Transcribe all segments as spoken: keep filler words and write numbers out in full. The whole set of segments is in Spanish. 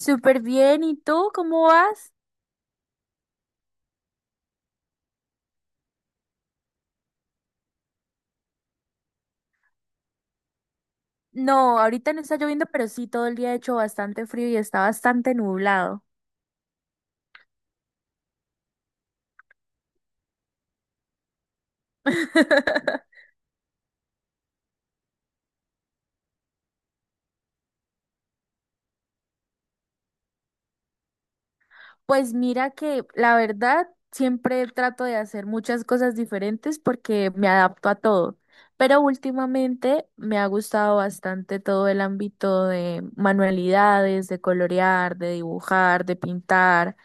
Súper bien, ¿y tú cómo vas? No, ahorita no está lloviendo, pero sí, todo el día ha hecho bastante frío y está bastante nublado. Pues mira que la verdad siempre trato de hacer muchas cosas diferentes porque me adapto a todo, pero últimamente me ha gustado bastante todo el ámbito de manualidades, de colorear, de dibujar, de pintar.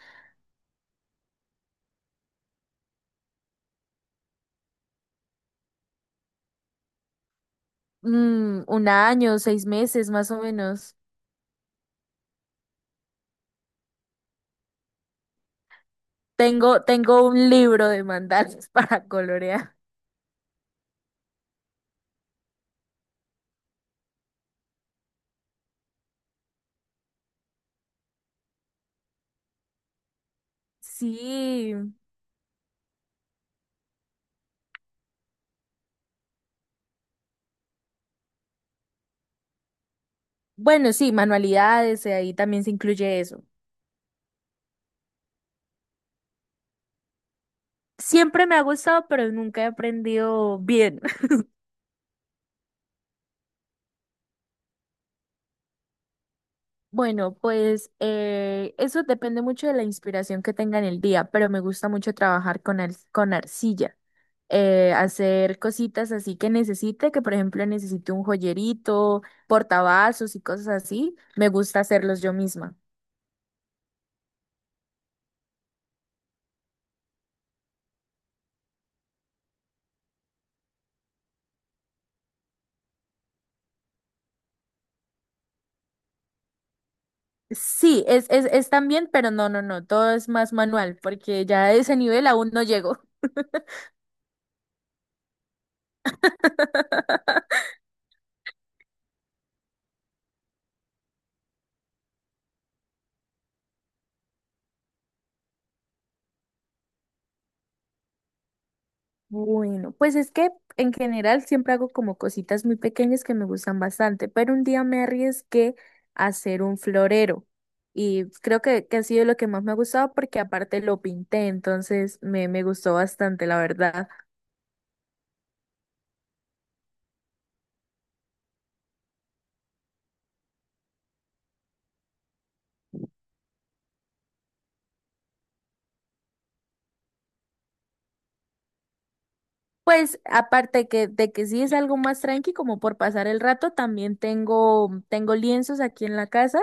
Mm, un año, seis meses más o menos. Tengo, tengo un libro de mandalas para colorear. Sí, bueno, sí, manualidades, eh, ahí también se incluye eso. Siempre me ha gustado, pero nunca he aprendido bien. Bueno, pues eh, eso depende mucho de la inspiración que tenga en el día, pero me gusta mucho trabajar con, ar- con arcilla. eh, hacer cositas así que necesite, que por ejemplo necesite un joyerito, portavasos y cosas así, me gusta hacerlos yo misma. Sí, es, es, es también, pero no, no, no, todo es más manual, porque ya a ese nivel aún no llego. Bueno, pues es que en general siempre hago como cositas muy pequeñas que me gustan bastante, pero un día me arriesgué a hacer un florero y creo que, que ha sido lo que más me ha gustado porque aparte lo pinté, entonces me, me gustó bastante, la verdad. Pues aparte que, de que sí es algo más tranqui, como por pasar el rato, también tengo, tengo lienzos aquí en la casa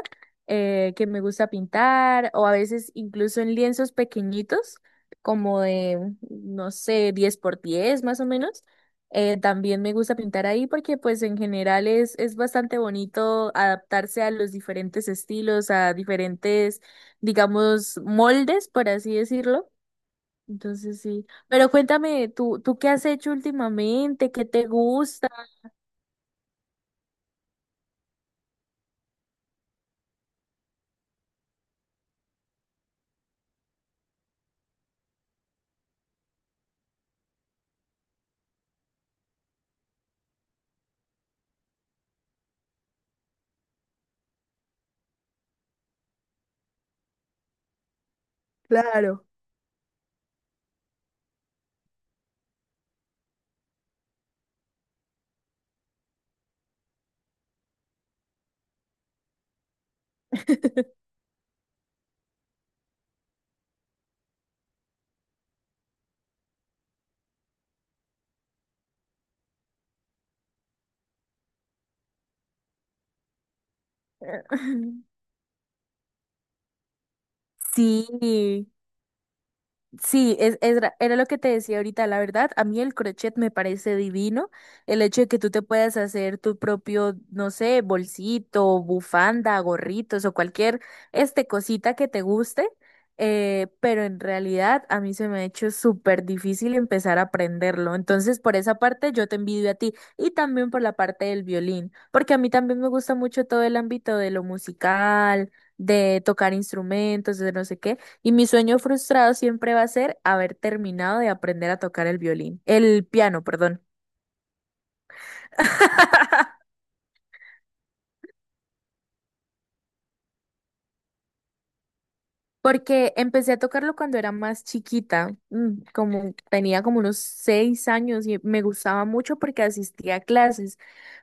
eh, que me gusta pintar o a veces incluso en lienzos pequeñitos, como de, no sé, diez por diez más o menos. Eh, también me gusta pintar ahí porque pues en general es, es bastante bonito adaptarse a los diferentes estilos, a diferentes, digamos, moldes, por así decirlo, entonces sí. Pero cuéntame, ¿tú, tú qué has hecho últimamente? ¿Qué te gusta? Claro. Sí. Sí, es, es ra- era lo que te decía ahorita, la verdad, a mí el crochet me parece divino, el hecho de que tú te puedas hacer tu propio, no sé, bolsito, bufanda, gorritos o cualquier este cosita que te guste, eh, pero en realidad a mí se me ha hecho súper difícil empezar a aprenderlo, entonces por esa parte yo te envidio a ti y también por la parte del violín, porque a mí también me gusta mucho todo el ámbito de lo musical, de tocar instrumentos, de no sé qué. Y mi sueño frustrado siempre va a ser haber terminado de aprender a tocar el violín, el piano, perdón. Porque empecé a tocarlo cuando era más chiquita, mm, como tenía como unos seis años y me gustaba mucho porque asistía a clases,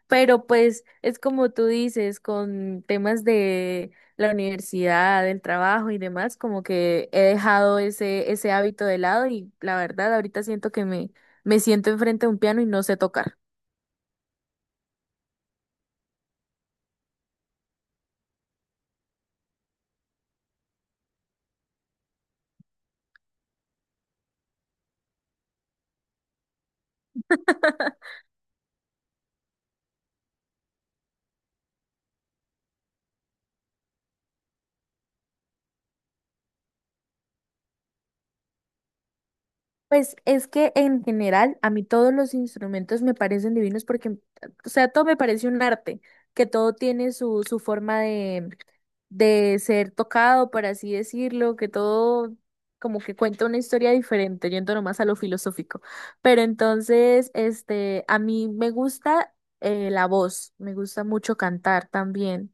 pero pues es como tú dices, con temas de la universidad, del trabajo y demás, como que he dejado ese, ese hábito de lado y la verdad ahorita siento que me, me siento enfrente de un piano y no sé tocar. Pues es que en general a mí todos los instrumentos me parecen divinos porque, o sea, todo me parece un arte, que todo tiene su, su forma de, de ser tocado, por así decirlo, que todo como que cuenta una historia diferente, yendo nomás a lo filosófico. Pero entonces, este, a mí me gusta eh, la voz, me gusta mucho cantar también.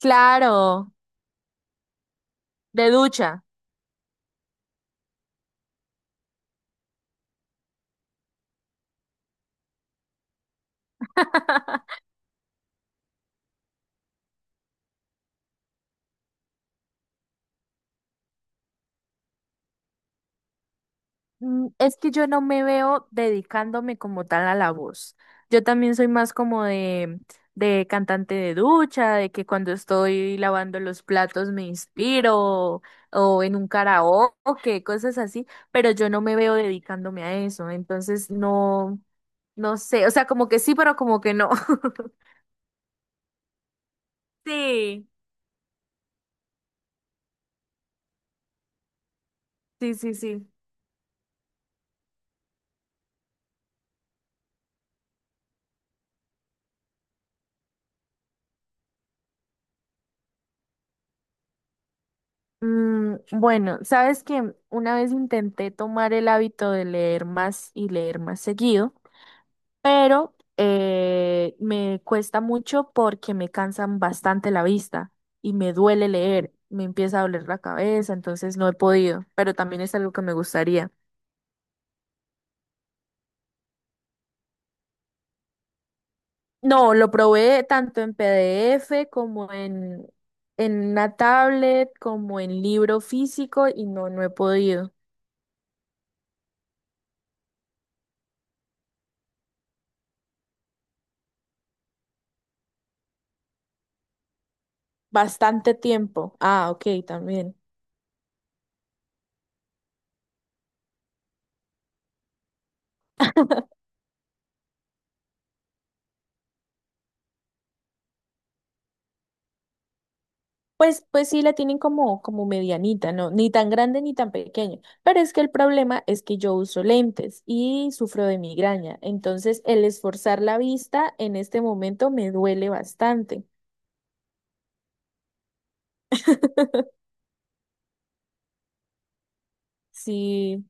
Claro, de ducha. Mm, es que yo no me veo dedicándome como tal a la voz. Yo también soy más como de, de cantante de ducha, de que cuando estoy lavando los platos me inspiro, o en un karaoke, cosas así, pero yo no me veo dedicándome a eso. Entonces no, no sé, o sea, como que sí, pero como que no. Sí, sí, sí, sí. Mm, bueno, sabes que una vez intenté tomar el hábito de leer más y leer más seguido. Pero eh, me cuesta mucho porque me cansan bastante la vista y me duele leer, me empieza a doler la cabeza, entonces no he podido, pero también es algo que me gustaría. No, lo probé tanto en P D F como en, en una tablet, como en libro físico y no, no he podido. Bastante tiempo. Ah, ok, también. Pues, pues sí la tienen como, como medianita, ¿no? Ni tan grande ni tan pequeña. Pero es que el problema es que yo uso lentes y sufro de migraña. Entonces, el esforzar la vista en este momento me duele bastante. Sí,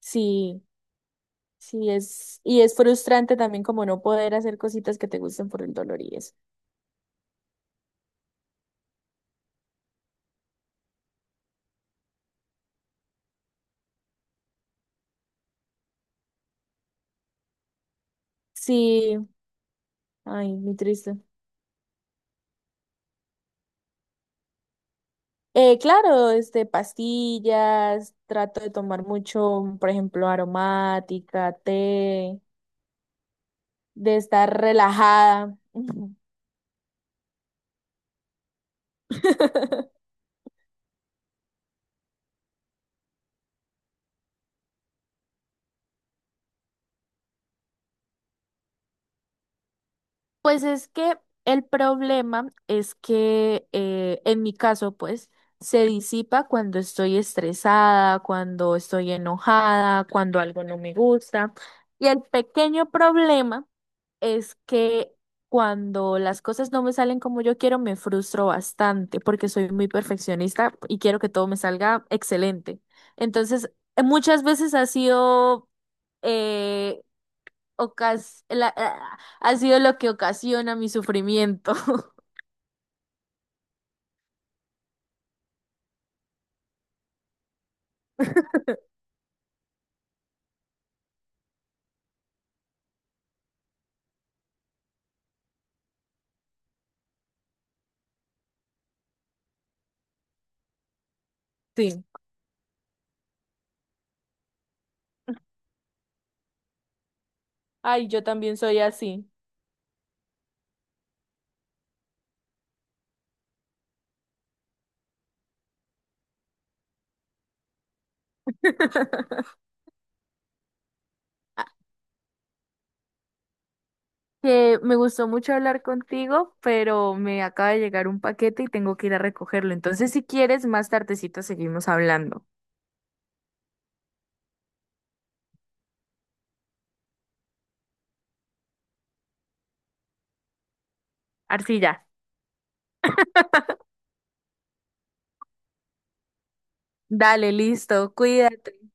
sí, sí es, y es frustrante también como no poder hacer cositas que te gusten por el dolor y eso. Sí, ay, muy triste. Eh, claro, este, pastillas, trato de tomar mucho, por ejemplo, aromática, té. De estar relajada. Pues es que el problema es que eh, en mi caso, pues, se disipa cuando estoy estresada, cuando estoy enojada, cuando algo no me gusta. Y el pequeño problema es que cuando las cosas no me salen como yo quiero, me frustro bastante porque soy muy perfeccionista y quiero que todo me salga excelente. Entonces, eh, muchas veces ha sido eh, ocas- la- ah, ha sido lo que ocasiona mi sufrimiento. Sí. Ay, yo también soy así. Que me gustó mucho hablar contigo, pero me acaba de llegar un paquete y tengo que ir a recogerlo. Entonces, si quieres, más tardecito seguimos hablando. Arcilla. Dale, listo, cuídate.